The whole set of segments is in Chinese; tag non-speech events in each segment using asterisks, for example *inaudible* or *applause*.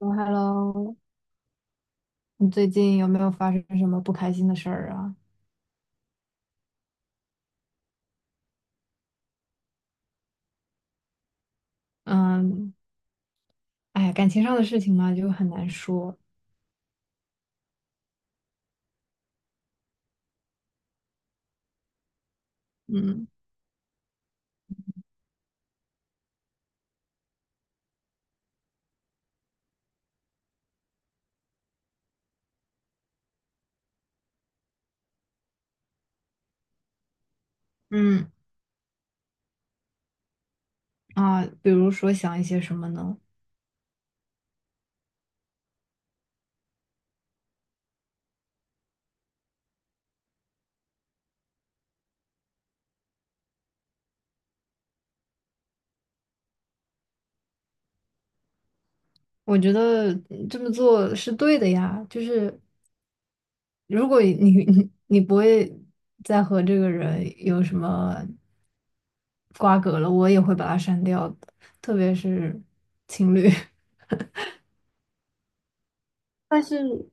Hello 你最近有没有发生什么不开心的事儿啊？嗯，哎呀感情上的事情嘛，就很难说。嗯嗯啊，比如说想一些什么呢？我觉得这么做是对的呀，就是如果你不会再和这个人有什么瓜葛了，我也会把他删掉的，特别是情侣。*laughs* 但是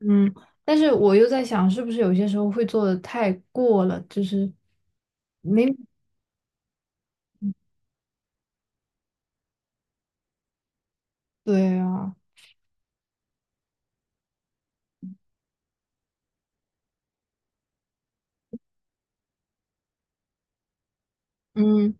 嗯，但是我又在想，是不是有些时候会做的太过了，就是没，对啊，嗯，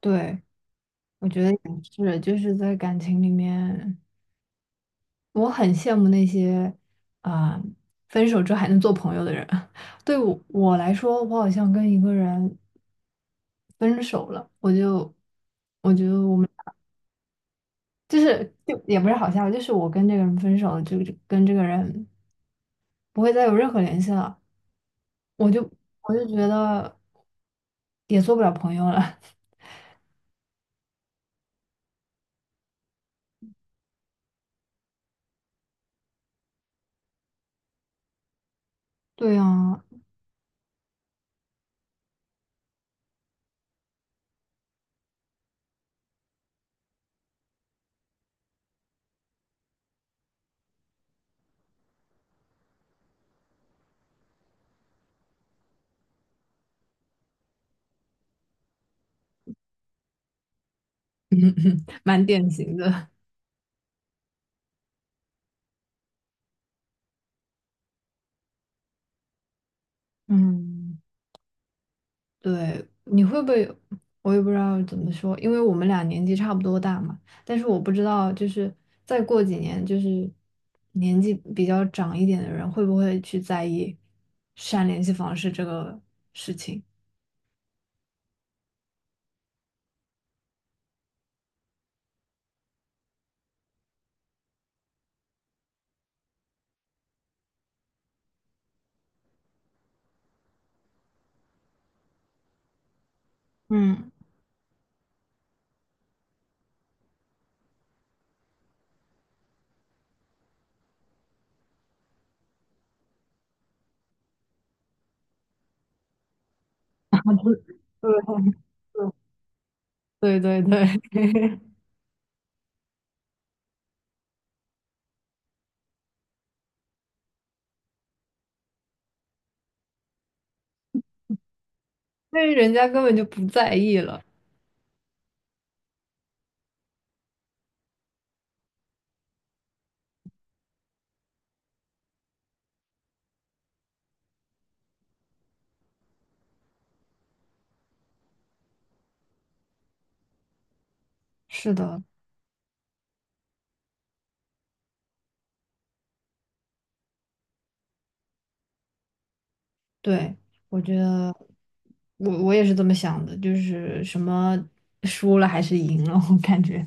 对，我觉得也是，就是在感情里面，我很羡慕那些啊、分手之后还能做朋友的人。*laughs* 对我来说，我好像跟一个人分手了，我就我觉得我们就是就也不是好像，就是我跟这个人分手了，就跟这个人不会再有任何联系了。我就我就觉得也做不了朋友了。*laughs* 对呀，*laughs* 嗯蛮典型的。嗯对，你会不会有我也不知道怎么说，因为我们俩年纪差不多大嘛。但是我不知道，就是再过几年，就是年纪比较长一点的人，会不会去在意删联系方式这个事情？嗯，*laughs* 对对对对，*laughs* 对因为人家根本就不在意了。是的，对，我觉得我也是这么想的，就是什么输了还是赢了，我感觉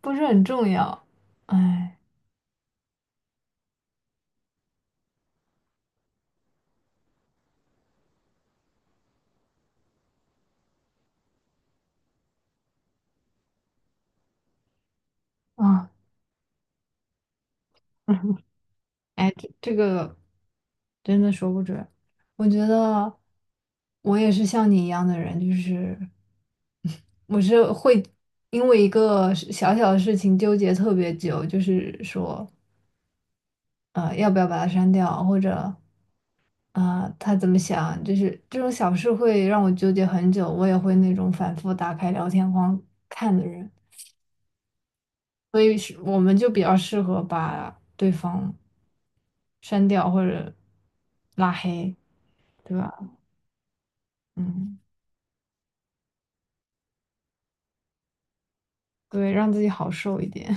不是很重要。哎啊，*laughs* 哎，这个真的说不准。我觉得我也是像你一样的人，就是 *laughs* 我是会因为一个事小小的事情纠结特别久，就是说要不要把它删掉，或者。他怎么想？就是这种小事会让我纠结很久，我也会那种反复打开聊天框看的人，所以是我们就比较适合把对方删掉或者拉黑，对吧？嗯，对，让自己好受一点。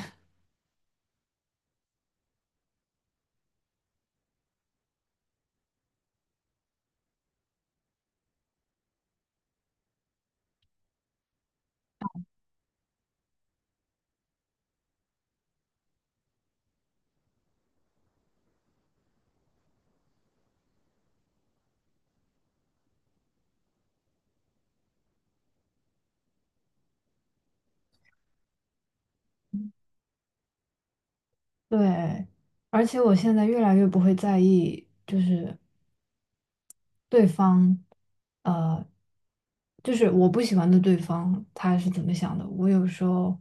*laughs* 对，而且我现在越来越不会在意，就是对方，呃，就是我不喜欢的对方他是怎么想的，我有时候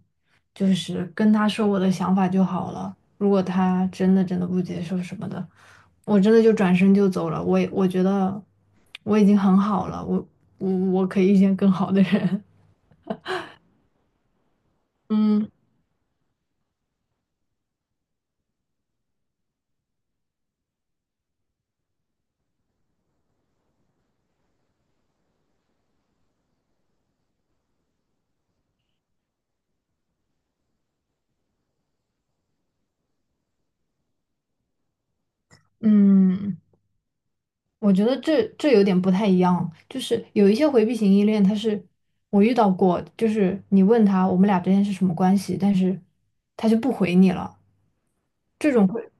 就是跟他说我的想法就好了。如果他真的真的不接受什么的，我真的就转身就走了。我觉得我已经很好了，我可以遇见更好的人。*laughs* 嗯嗯，我觉得这有点不太一样，就是有一些回避型依恋，他是我遇到过，就是你问他我们俩之间是什么关系，但是他就不回你了。这种会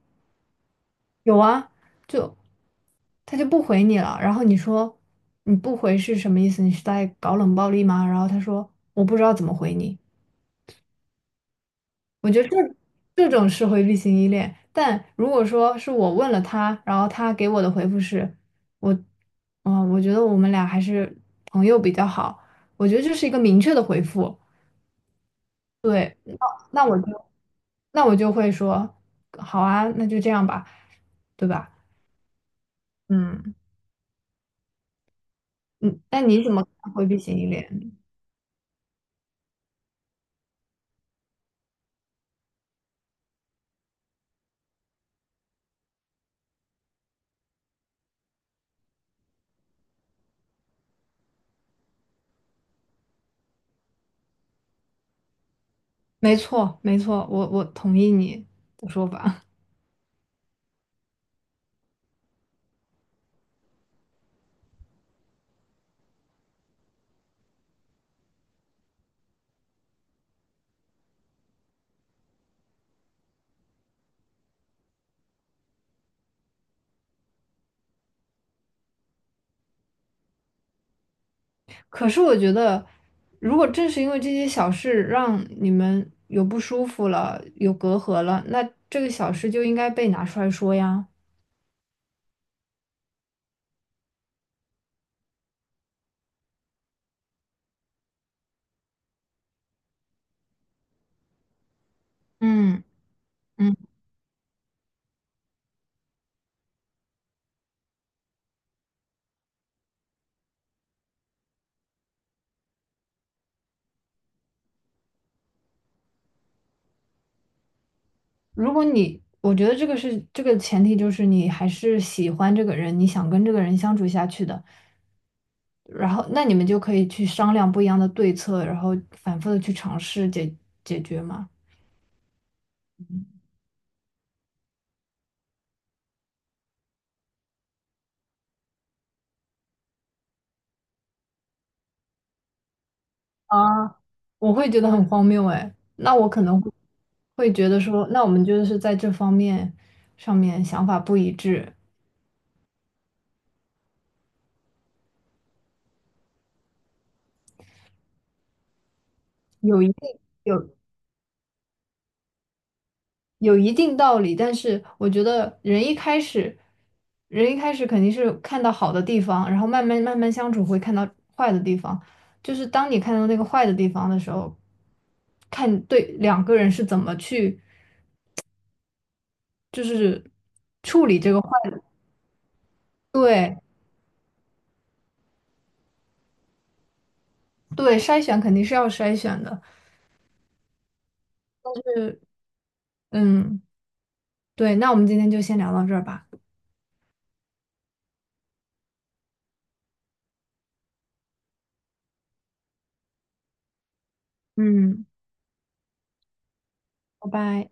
有啊，就他就不回你了。然后你说你不回是什么意思？你是在搞冷暴力吗？然后他说我不知道怎么回你。我觉得这种是回避型依恋，但如果说是我问了他，然后他给我的回复是我，嗯，我觉得我们俩还是朋友比较好。我觉得这是一个明确的回复。对，那我就那我就会说好啊，那就这样吧，对吧？嗯嗯，那你怎么看回避型依恋？没错，没错，我同意你的说法。*laughs* 可是我觉得，如果正是因为这些小事让你们有不舒服了，有隔阂了，那这个小事就应该被拿出来说呀。嗯嗯，如果你，我觉得这个是这个前提，就是你还是喜欢这个人，你想跟这个人相处下去的，然后那你们就可以去商量不一样的对策，然后反复的去尝试解决嘛。啊，我会觉得很荒谬哎。那我可能会觉得说，那我们就是在这方面上面想法不一致，有一定有有一定道理，但是我觉得人一开始肯定是看到好的地方，然后慢慢慢慢相处会看到坏的地方。就是当你看到那个坏的地方的时候，看对两个人是怎么去就是处理这个坏的，对对，筛选肯定是要筛选的。是。嗯，对，那我们今天就先聊到这儿吧，嗯，拜拜。